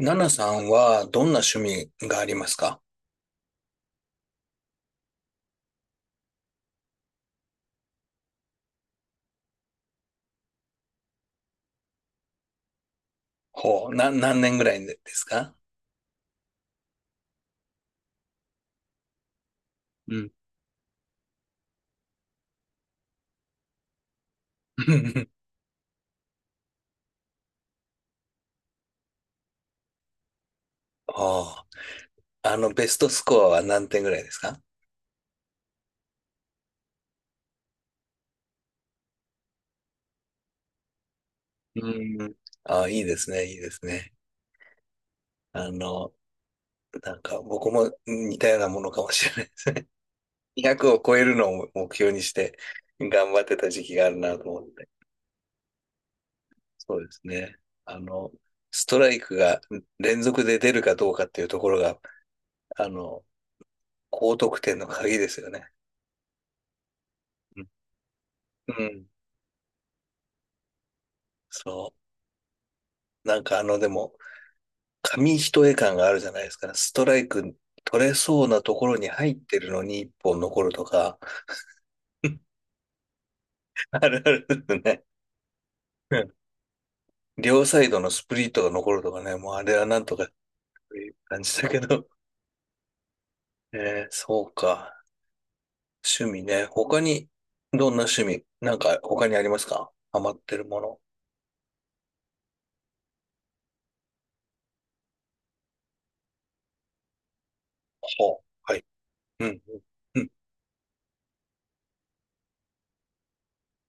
ナナさんはどんな趣味がありますか？ほう、何年ぐらいですか？うん。ああ、ベストスコアは何点ぐらいですか？うん。ああ、いいですね、いいですね。あの、なんか僕も似たようなものかもしれないですね。200 を超えるのを目標にして頑張ってた時期があるなと思って。そうですね。あの、ストライクが連続で出るかどうかっていうところが、あの、高得点の鍵ですよね。うんうん。そう。なんかでも、紙一重感があるじゃないですか。ストライク取れそうなところに入ってるのに一本残るとか、あるあるですね。うん。両サイドのスプリットが残るとかね、もうあれはなんとかっていう感じだけど。そうか。趣味ね。他に、どんな趣味なんか他にありますか？ハマってるもの。はあ、はい。うん。うん。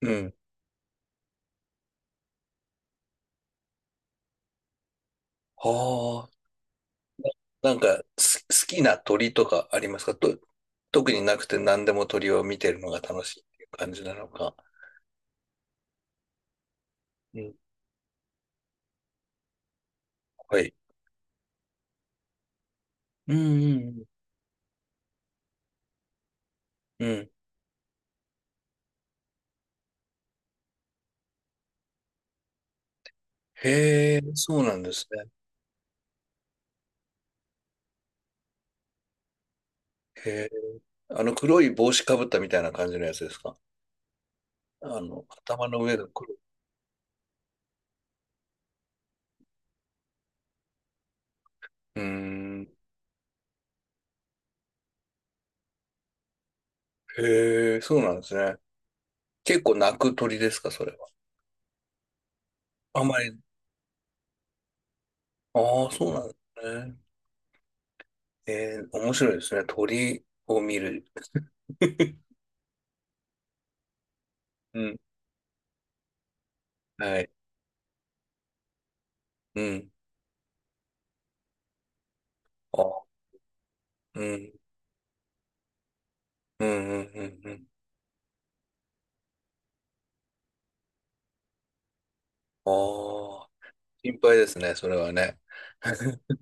うん。は、なんか、好きな鳥とかありますかと、特になくて何でも鳥を見てるのが楽しいっていう感じなのか。うん。はい。うんうんうん。うん。へえ、そうなんですね。へえ。あの黒い帽子かぶったみたいな感じのやつですか？あの、頭の上の黒い。うーん。へえ、そうなんですね。結構鳴く鳥ですか、それは。あんまり。ああ、そうなんですね。面白いですね。鳥を見る。うん。はい。うん。あ、うん。うんうんうんうん。ああ、心配ですね、それはね。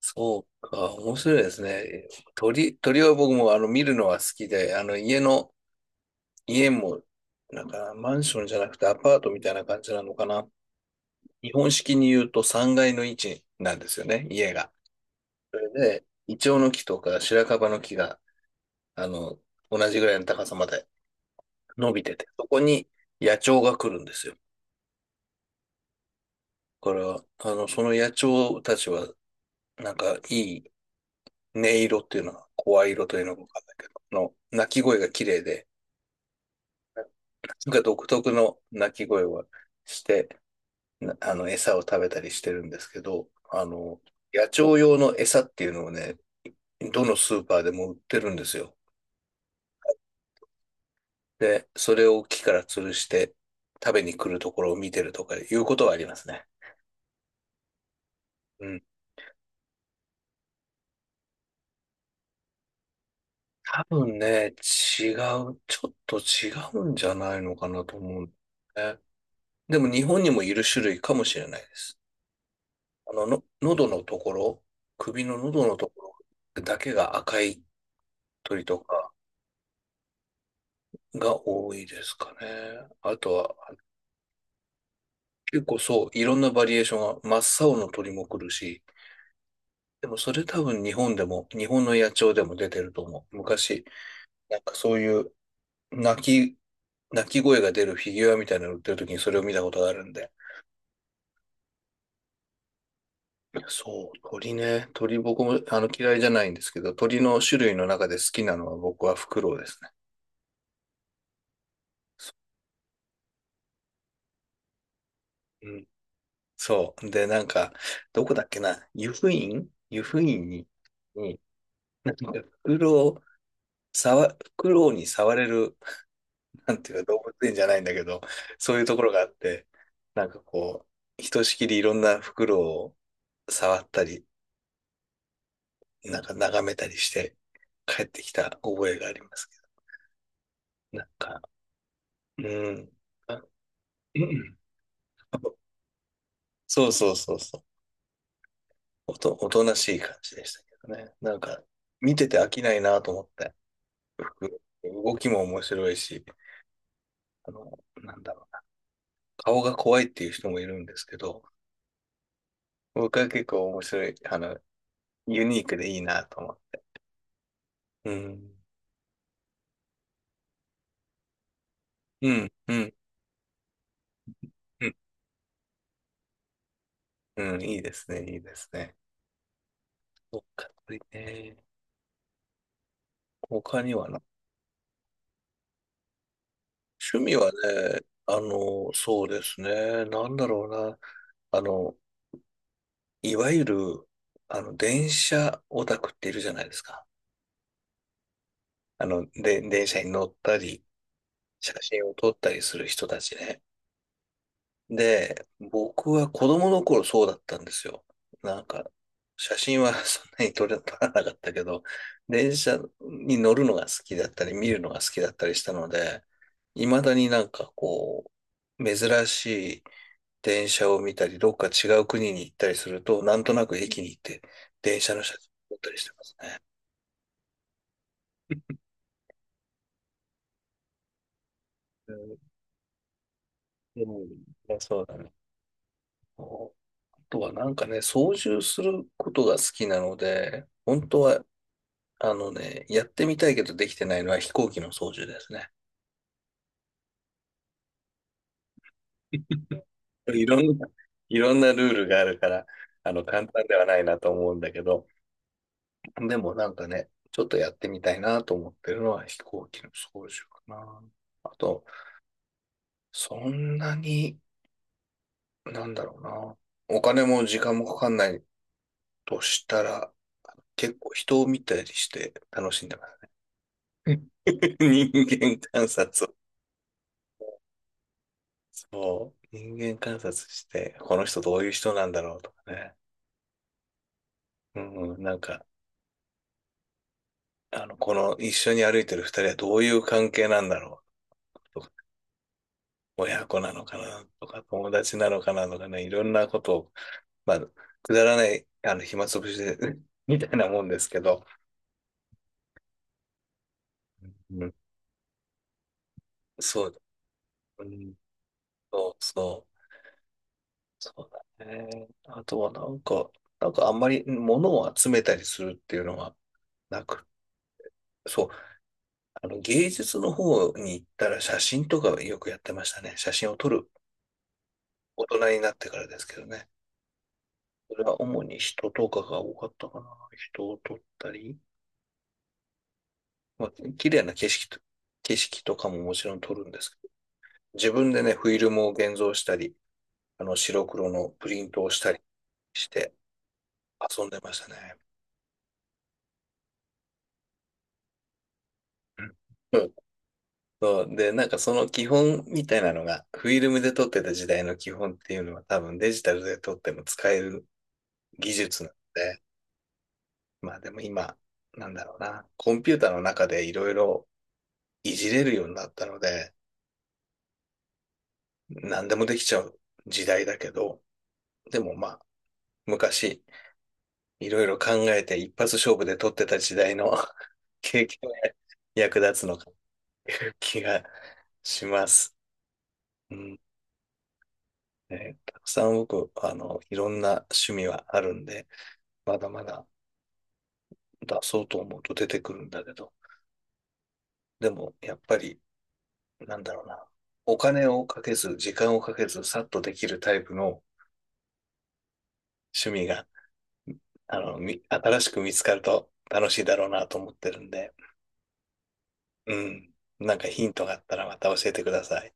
そうか、面白いですね。鳥は僕も見るのは好きで、あの家の、家も、なんかマンションじゃなくてアパートみたいな感じなのかな。日本式に言うと3階の位置なんですよね、家が。それで、イチョウの木とか白樺の木が、あの、同じぐらいの高さまで伸びてて、そこに野鳥が来るんですよ。だから、その野鳥たちは、なんかいい音色っていうのは、声色というのが分かんないけど、鳴き声が綺麗で、なんか独特の鳴き声をして、餌を食べたりしてるんですけど、野鳥用の餌っていうのをね、どのスーパーでも売ってるんですよ。で、それを木から吊るして食べに来るところを見てるとかいうことはありますね。うん。多分ね、違う、ちょっと違うんじゃないのかなと思うんだよね。でも日本にもいる種類かもしれないです。喉のところ、首の喉のところだけが赤い鳥とかが多いですかね。あとは、結構そう、いろんなバリエーションが、真っ青の鳥も来るし、でもそれ多分日本でも、日本の野鳥でも出てると思う。昔、なんかそういう鳴き、鳴き声が出るフィギュアみたいなの売ってる時にそれを見たことがあるんで。そう、鳥ね。鳥僕も嫌いじゃないんですけど、鳥の種類の中で好きなのは僕はフクロウですね。うん。そう。で、なんか、どこだっけな、湯布院になんかフクロウに触れる、なんていうか動物園じゃないんだけど、そういうところがあって、なんかこう、ひとしきりいろんなフクロウを触ったり、なんか眺めたりして帰ってきた覚えがありますけど、なんか、うん。あ、うん。そうそうそうそう。おとなしい感じでしたけどね。なんか、見てて飽きないなと思って。動きも面白いし、なんだろうな、顔が怖いっていう人もいるんですけど、僕は結構面白い、ユニークでいいなと思って。うん、うん、うん、うん、うん、いいですね、いいですね。そっか、ね。他にはな。趣味はね、そうですね、なんだろうな、あの、いわゆる、電車オタクっているじゃないですか。で、電車に乗ったり、写真を撮ったりする人たちね。で、僕は子供の頃そうだったんですよ。なんか、写真はそんなに撮らなかったけど、電車に乗るのが好きだったり、見るのが好きだったりしたので、未だになんかこう、珍しい電車を見たり、どっか違う国に行ったりすると、なんとなく駅に行って電車の写真を撮ったりしてますね。うんうん。そうだね。あとはなんかね、操縦することが好きなので、本当はやってみたいけどできてないのは飛行機の操縦ですね。いろんな、いろんなルールがあるから、簡単ではないなと思うんだけど、でもなんかね、ちょっとやってみたいなと思ってるのは飛行機の操縦かな。あと、そんなに、なんだろうな。お金も時間もかかんないとしたら、結構人を見たりして楽しんでますね。人間観察を、そう、人間観察して、この人どういう人なんだろうとかね。うんうん、なんか、この一緒に歩いてる二人はどういう関係なんだろうとか、親子なのかなとか、友達なのかなとかね、いろんなことを、まあ、くだらない、暇つぶしで、みたいなもんですけど、うん、そう、うん、そう、そう、そうだね。あとはなんか、あんまり物を集めたりするっていうのはなく、そう、芸術の方に行ったら写真とかよくやってましたね。写真を撮る。大人になってからですけどね。それは主に人とかが多かったかな。人を撮ったり。まあ、綺麗な景色とかももちろん撮るんですけど、自分でね、フィルムを現像したり、白黒のプリントをしたりして遊んでましたね。うんうん。そうで、なんかその基本みたいなのが、フィルムで撮ってた時代の基本っていうのは多分デジタルで撮っても使える技術なんで、まあでも今、なんだろうな、コンピューターの中でいろいろいじれるようになったので、何でもできちゃう時代だけど、でもまあ、昔、いろいろ考えて一発勝負で取ってた時代の 経験が役立つのかという気がします。うん。ね、たくさん僕、いろんな趣味はあるんで、まだまだ出そうと思うと出てくるんだけど、でもやっぱりなんだろうな。お金をかけず、時間をかけず、さっとできるタイプの趣味が、新しく見つかると楽しいだろうなと思ってるんで、うん。なんかヒントがあったらまた教えてください。